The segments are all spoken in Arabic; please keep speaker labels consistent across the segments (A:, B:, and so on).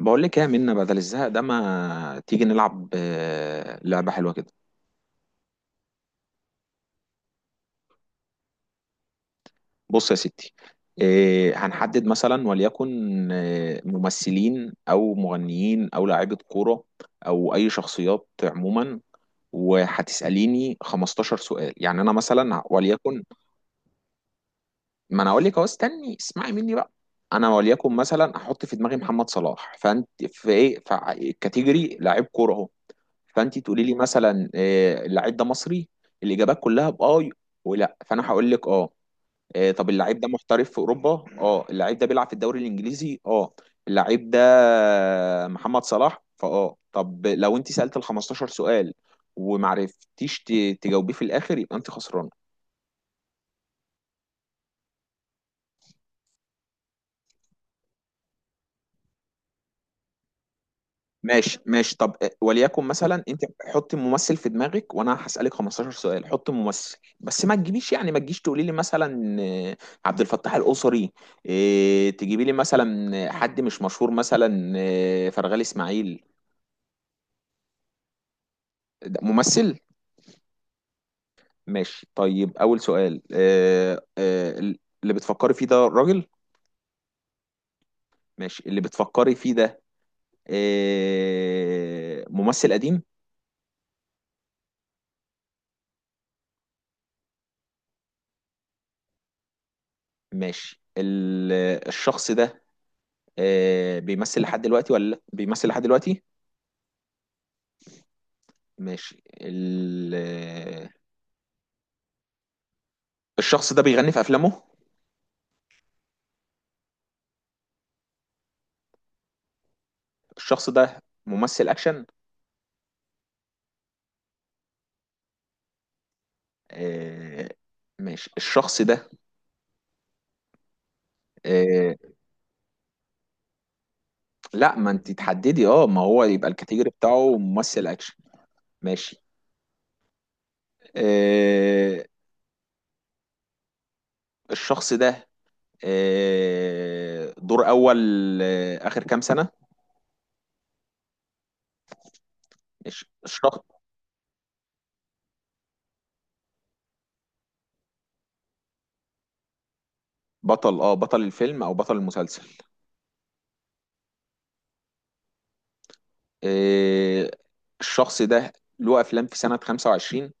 A: بقول لك ايه يا منى، بدل الزهق ده ما تيجي نلعب، لعبة حلوة كده. بص يا ستي. هنحدد مثلا وليكن ممثلين او مغنيين او لاعيبة كورة او اي شخصيات عموما. وهتسأليني 15 سؤال. يعني انا مثلا وليكن، ما انا اقول لك اهو، استني اسمعي مني بقى. انا وليكن مثلا احط في دماغي محمد صلاح، فانت في ايه، في كاتيجوري لاعب كورة اهو. فانت تقولي لي مثلا اللعيب ده مصري. الاجابات كلها باه ولا. فانا هقول لك اه. طب اللعيب ده محترف في اوروبا. اه اللعيب ده بيلعب في الدوري الانجليزي. اه اللعيب ده محمد صلاح. فاه طب لو انت سالت ال 15 سؤال ومعرفتيش تجاوبيه في الاخر، يبقى انت خسران. ماشي ماشي، طب وليكن مثلا انت حطي ممثل في دماغك وانا هسألك 15 سؤال. حطي ممثل بس ما تجيبيش، يعني ما تجيش تقولي لي مثلا عبد الفتاح القصري. تجيبي لي مثلا حد مش مشهور، مثلا فرغلي اسماعيل. ده ممثل. ماشي طيب، اول سؤال: اللي بتفكري فيه ده راجل. ماشي، اللي بتفكري فيه ده ممثل قديم. ماشي، الشخص ده بيمثل لحد دلوقتي ولا لأ؟ بيمثل لحد دلوقتي. ماشي، ال... آه، الشخص ده بيغني في افلامه. الشخص ده ممثل اكشن. آه، ماشي، الشخص ده آه، لا ما انت تحددي، اه ما هو يبقى الكاتيجوري بتاعه ممثل اكشن. ماشي. آه، الشخص ده دور اول اخر كام سنة. ماشي، الشخص بطل، اه بطل الفيلم او بطل المسلسل. إيه، الشخص ده له افلام في سنة 25.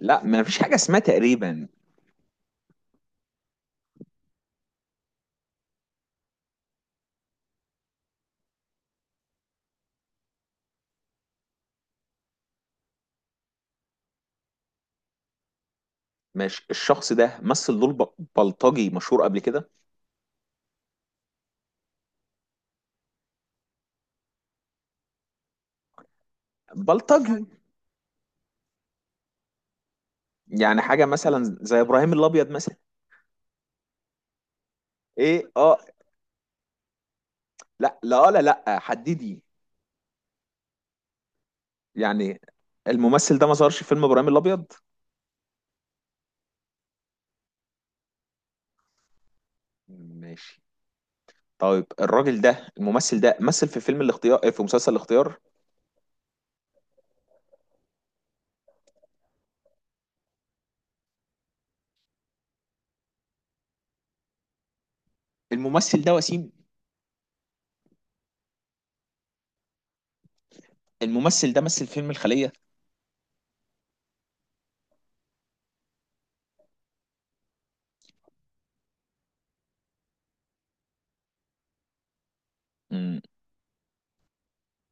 A: لا ما فيش حاجة اسمها تقريبا. مش الشخص ده مثل دور بلطجي مشهور قبل كده. بلطجي يعني حاجة مثلا زي ابراهيم الابيض مثلا. ايه اه. لا لا لا لا حددي. يعني الممثل ده ما ظهرش في فيلم ابراهيم الابيض. ماشي طيب، الراجل ده، الممثل ده مثل في فيلم الاختيار، في مسلسل الاختيار. الممثل ده وسيم. الممثل ده مثل فيلم الخلية. مم.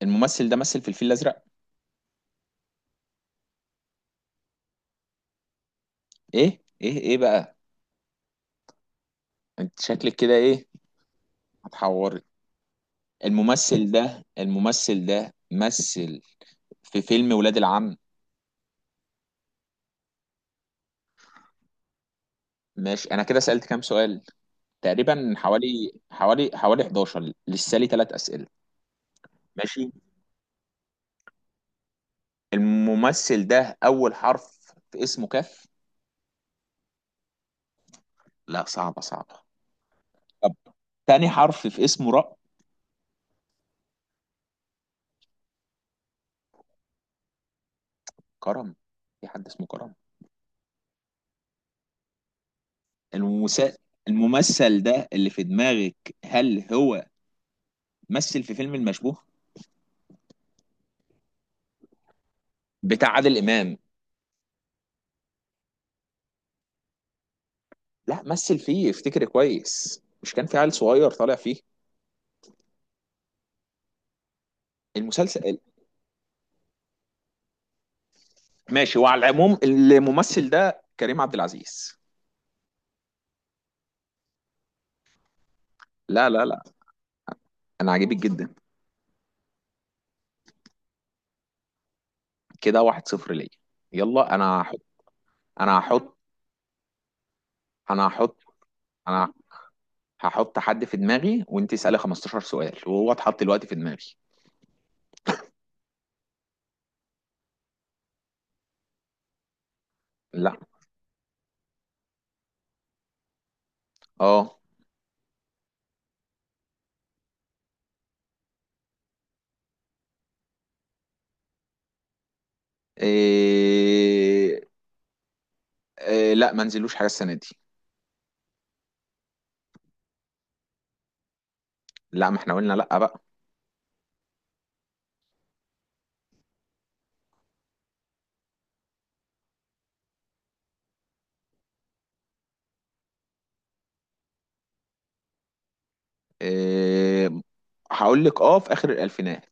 A: الممثل ده مثل في الفيل الازرق. ايه ايه ايه بقى، انت شكلك كده ايه، هتحوري. الممثل ده مثل في فيلم ولاد العم. ماشي، انا كده سألت كام سؤال؟ تقريبا حوالي 11. لسه لي ثلاث أسئلة. ماشي، الممثل ده اول حرف في اسمه كاف. لا صعبة صعبة. طب، تاني حرف في اسمه راء. كرم، في حد اسمه كرم؟ المسا... الممثل ده اللي في دماغك، هل هو مثل في فيلم المشبوه بتاع عادل إمام؟ لا مثل فيه، افتكر كويس، مش كان في عيل صغير طالع فيه، المسلسل. ماشي، وعلى العموم الممثل ده كريم عبد العزيز. لا لا لا، انا عاجبك جدا. كده واحد صفر ليا. يلا انا هحط، انا هحط انا هحط انا هحط حد في دماغي وانت اسالي 15 سؤال. وهو اتحط دلوقتي في دماغي. لا اه. إيه... لا ما نزلوش حاجه السنه دي. لا ما احنا قلنا لا بقى. إيه... هقول لك اه في اخر الالفينات،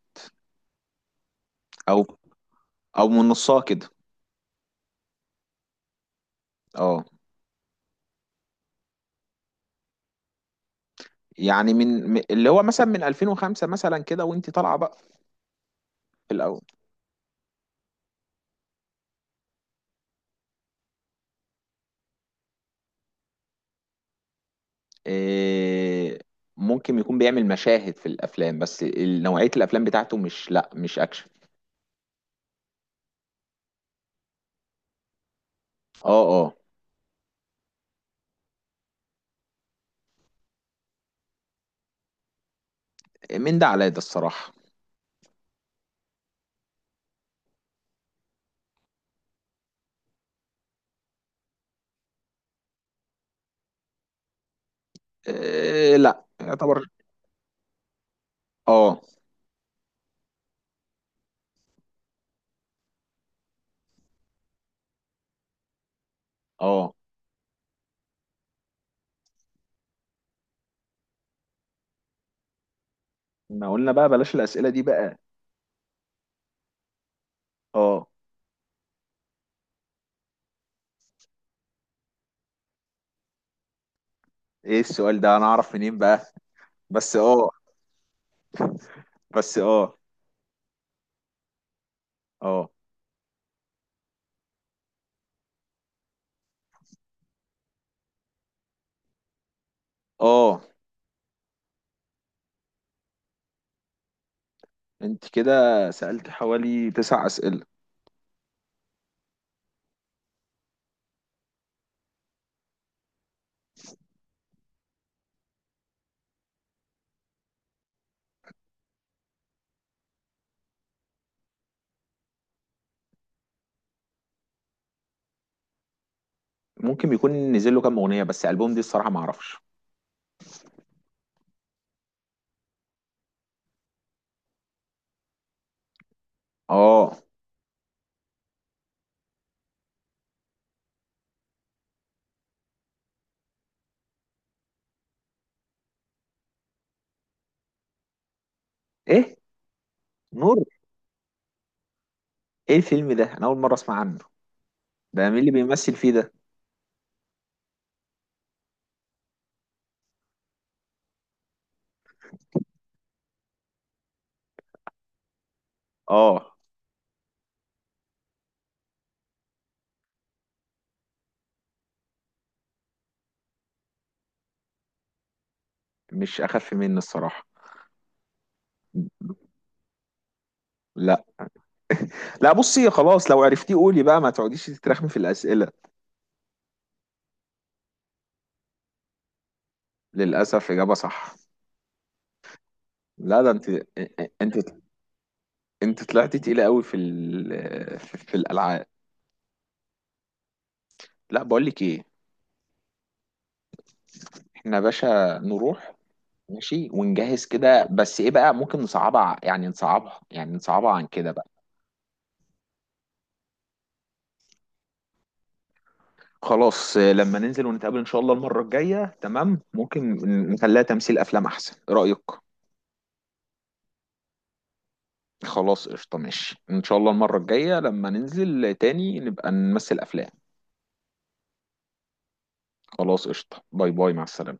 A: او من نصها كده. اه. يعني اللي هو مثلا من 2005 مثلا كده وانت طالعه بقى، في الاول. إيه، ممكن يكون بيعمل مشاهد في الافلام، بس نوعيه الافلام بتاعته مش، لا مش اكشن. اه اه، من ده على ده الصراحه. إيه لا يعتبر. اه اه، ما قلنا بقى بلاش الاسئله دي بقى. اه. ايه السؤال ده، انا اعرف منين بقى؟ بس اه، بس اه اه اه انت كده سألت حوالي تسع اسئله. ممكن يكون نزل له كام اغنيه، بس البوم دي الصراحه ما اعرفش. اه. ايه نور؟ ايه الفيلم ده، انا اول مره اسمع عنه. ده مين اللي بيمثل فيه ده؟ اه، مش اخف مني الصراحه. لا. لا بصي، خلاص لو عرفتيه قولي بقى، ما تقعديش تترخمي في الاسئله. للاسف اجابه صح. لا ده انت، انت انت طلعتي تقيله قوي في ال... في في الالعاب. لا بقول لك ايه، احنا يا باشا نروح. ماشي ونجهز كده، بس ايه بقى، ممكن نصعبها يعني نصعبها، يعني نصعبها عن كده. خلاص لما ننزل ونتقابل ان شاء الله المرة الجاية، تمام ممكن نخليها تمثيل افلام، احسن. ايه رأيك؟ خلاص قشطة ماشي، ان شاء الله المرة الجاية لما ننزل تاني نبقى نمثل افلام. خلاص قشطة، باي باي، مع السلامة.